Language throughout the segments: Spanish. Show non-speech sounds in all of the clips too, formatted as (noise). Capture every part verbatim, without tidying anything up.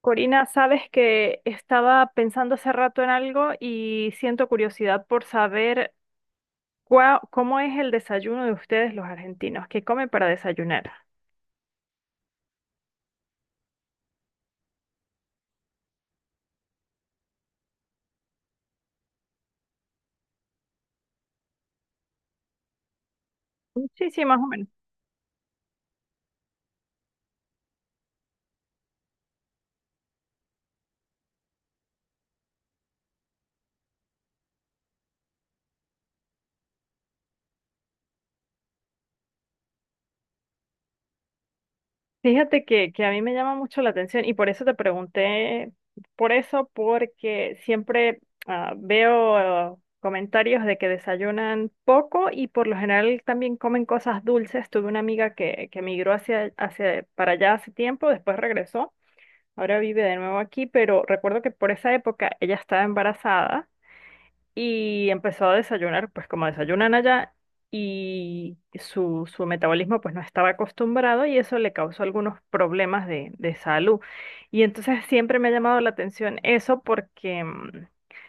Corina, sabes que estaba pensando hace rato en algo y siento curiosidad por saber cuá- cómo es el desayuno de ustedes los argentinos, qué comen para desayunar. Sí, sí, más o menos. Fíjate que, que a mí me llama mucho la atención y por eso te pregunté, por eso, porque siempre ah, veo comentarios de que desayunan poco y por lo general también comen cosas dulces. Tuve una amiga que, que migró hacia, hacia, para allá hace tiempo, después regresó. Ahora vive de nuevo aquí, pero recuerdo que por esa época ella estaba embarazada y empezó a desayunar, pues como desayunan allá, y su, su metabolismo pues no estaba acostumbrado y eso le causó algunos problemas de, de salud. Y entonces siempre me ha llamado la atención eso porque mm,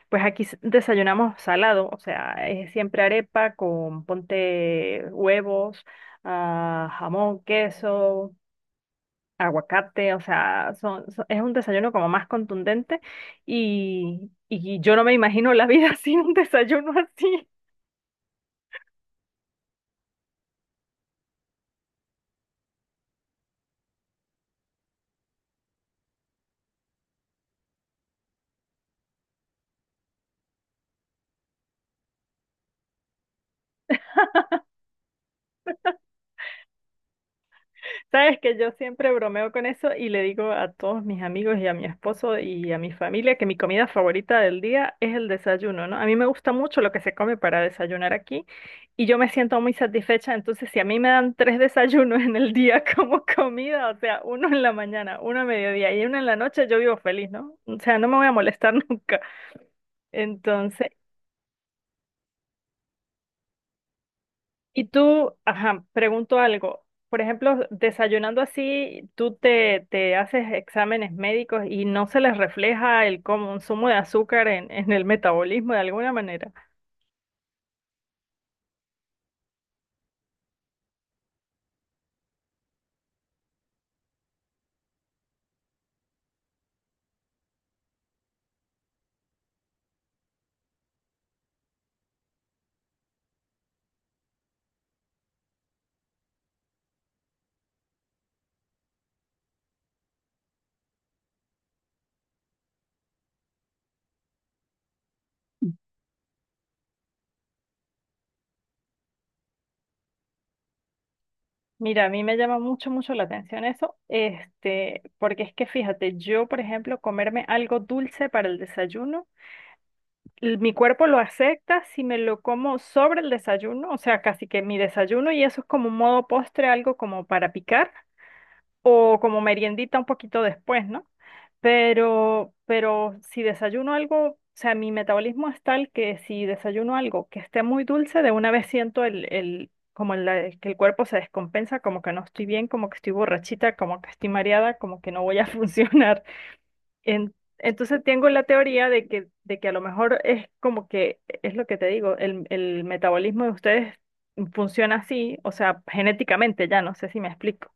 pues aquí s- desayunamos salado, o sea, es siempre arepa con ponte huevos, ah, jamón, queso, aguacate, o sea, son, son- es un desayuno como más contundente y, y yo no me imagino la vida (laughs) sin un desayuno así. Sabes que yo siempre bromeo con eso y le digo a todos mis amigos y a mi esposo y a mi familia que mi comida favorita del día es el desayuno, ¿no? A mí me gusta mucho lo que se come para desayunar aquí y yo me siento muy satisfecha, entonces si a mí me dan tres desayunos en el día (laughs) como comida, o sea, uno en la mañana, uno a mediodía y uno en la noche, yo vivo feliz, ¿no? O sea, no me voy a molestar (laughs) nunca. Entonces, y tú, ajá, pregunto algo. Por ejemplo, desayunando así, tú te, te haces exámenes médicos y no se les refleja el consumo de azúcar en, en el metabolismo de alguna manera. Mira, a mí me llama mucho, mucho la atención eso, este, porque es que fíjate, yo, por ejemplo, comerme algo dulce para el desayuno, l- mi cuerpo lo acepta si me lo como sobre el desayuno, o sea, casi que mi desayuno y eso es como un modo postre, algo como para picar, o como meriendita un poquito después, ¿no? Pero, pero si desayuno algo, o sea, mi metabolismo es tal que si desayuno algo que esté muy dulce, de una vez siento el, el, como el, el que el cuerpo se descompensa, como que no estoy bien, como que estoy borrachita, como que estoy mareada, como que no voy a (laughs) funcionar. En- entonces tengo la teoría de que, de que a lo mejor es como que, es lo que te digo, el, el metabolismo de ustedes funciona así, o sea, genéticamente ya, no sé si me explico.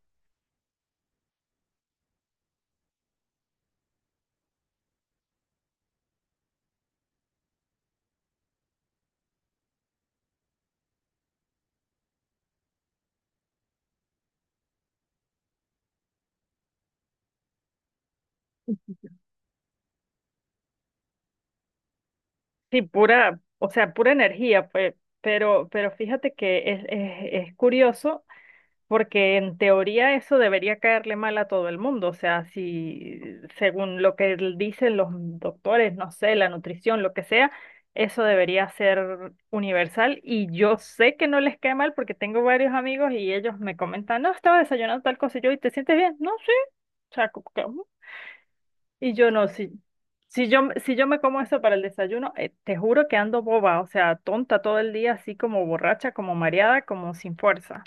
Sí, pura, o sea, pura energía, pues, pero, pero fíjate que es, es, es curioso porque en teoría eso debería caerle mal a todo el mundo, o sea, si según lo que l- dicen los doctores, no sé, la nutrición, lo que sea, eso debería ser universal y yo sé que no les cae mal porque tengo varios amigos y ellos me comentan, no, estaba desayunando tal cosa y yo, ¿y te sientes bien? No, sí, o sea, y yo no, si, si yo, si yo me como eso para el desayuno, eh, te juro que ando boba, o sea, tonta todo el día, así como borracha, como mareada, como sin fuerza.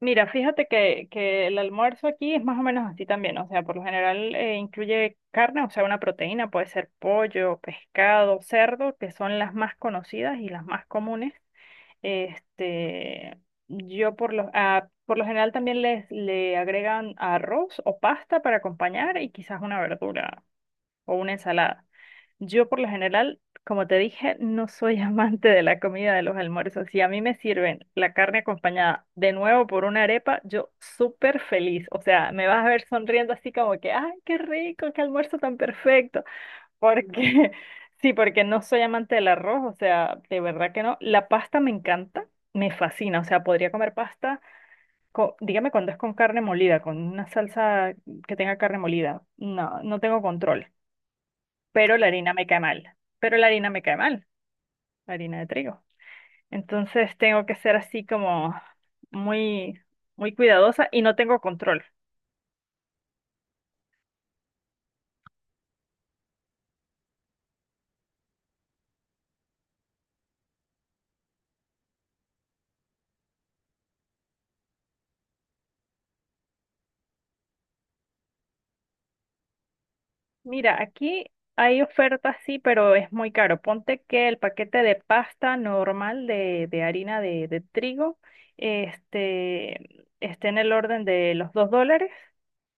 Mira, fíjate que, que el almuerzo aquí es más o menos así también, o sea, por lo general eh, incluye carne, o sea, una proteína, puede ser pollo, pescado, cerdo, que son las más conocidas y las más comunes. Este, yo por lo, ah, por lo general también les, le agregan arroz o pasta para acompañar y quizás una verdura o una ensalada. Yo por lo general, como te dije, no soy (laughs) amante de la comida de los almuerzos. Si a mí me sirven la carne acompañada de nuevo por una arepa, yo súper feliz. O sea, me vas a ver sonriendo así como que, ay, qué rico, qué almuerzo tan perfecto. Porque, (laughs) sí, porque no soy amante del arroz, o sea, de verdad que no. La pasta me encanta, me fascina. O sea, podría comer pasta, co- dígame cuando es con carne molida, con una salsa que tenga carne molida. No, no tengo control, pero la harina me cae mal, pero la harina me cae mal, la harina de trigo. Entonces tengo que ser así como muy, muy cuidadosa y no tengo control. Mira, aquí hay ofertas, sí, pero es muy caro. Ponte que el paquete de pasta normal de, de harina de, de trigo este, esté en el orden de los dos dólares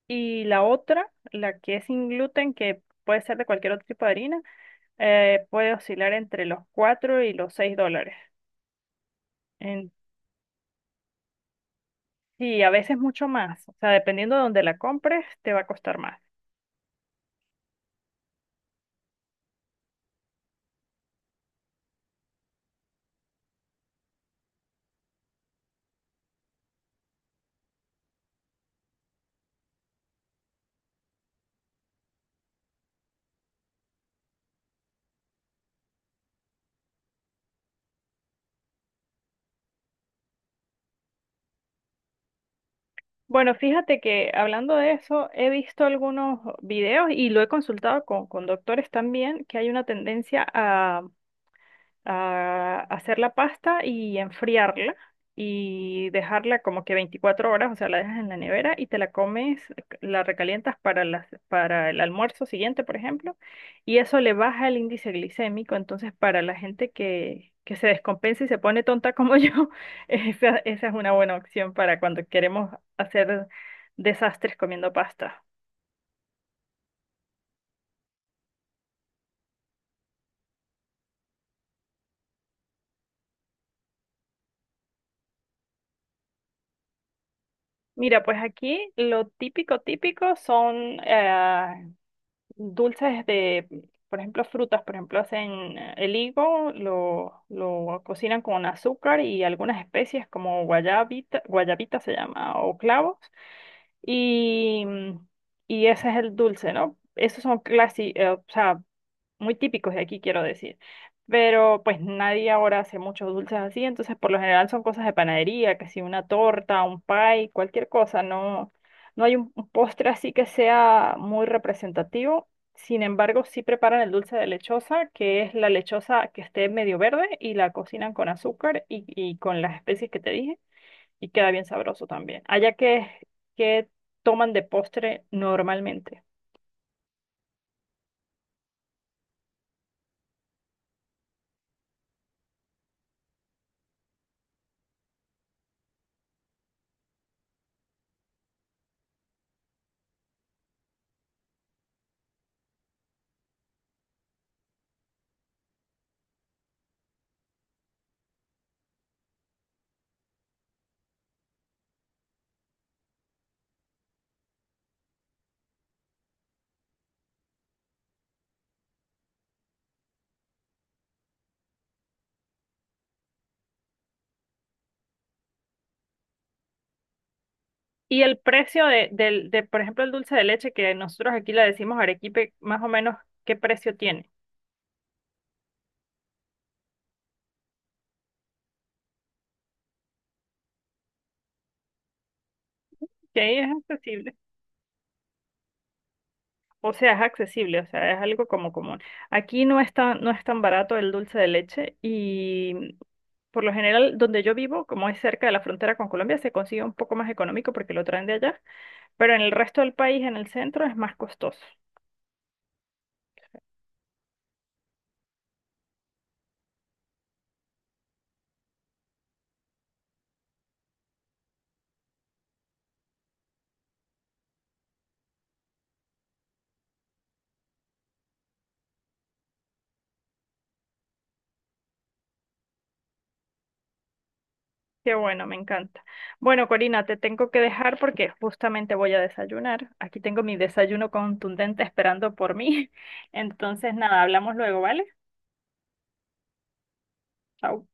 y la otra, la que es sin gluten, que puede ser de cualquier otro tipo de harina, eh, puede oscilar entre los cuatro y los seis dólares. En- sí, a veces mucho más. O sea, dependiendo de dónde la compres, te va a costar más. Bueno, fíjate que hablando de eso, he visto algunos videos y lo he consultado con, con doctores también, que hay una tendencia a hacer la pasta y enfriarla y dejarla como que veinticuatro horas, o sea, la dejas en la nevera y te la comes, la recalientas para las, para el almuerzo siguiente, por ejemplo, y eso le baja el índice glicémico, entonces para la gente que, que se descompensa y se pone tonta como (laughs) yo, esa, esa es una buena opción para cuando queremos hacer desastres comiendo pasta. Mira, pues aquí lo típico, típico son eh, dulces de, por ejemplo, frutas, por ejemplo, hacen eh, el higo, lo, lo cocinan con azúcar y algunas especies como guayabita, guayabita se llama, o clavos, y, mm, y ese es el dulce, ¿no? Esos son clásicos, muy típicos de aquí, quiero decir. Pero pues nadie ahora hace muchos dulces así, entonces por lo general son cosas de panadería, que si una torta, un pie, cualquier cosa, no, no hay un un postre así que sea muy representativo. Sin embargo, sí preparan el dulce de lechosa, que es la lechosa que esté medio verde y la cocinan con azúcar y, y con las especies que te dije y queda bien sabroso también. Allá que, que toman de postre normalmente. Y el precio de, del, de, por ejemplo, el dulce de leche, que nosotros aquí le decimos arequipe, más o menos, ¿qué precio tiene? Que ahí es accesible. O sea, es accesible, o sea, es algo como común. Aquí no es tan, no es tan barato el dulce de leche y por lo general, donde yo vivo, como es cerca de la frontera con Colombia, se consigue un poco más económico porque lo traen de allá, pero en el resto del país, en el centro, es más costoso. Qué bueno, me encanta. Bueno, Corina, te tengo que dejar porque justamente voy a desayunar. Aquí tengo mi desayuno contundente esperando por mí. (laughs) Entonces, nada, hablamos luego, ¿vale? Chao.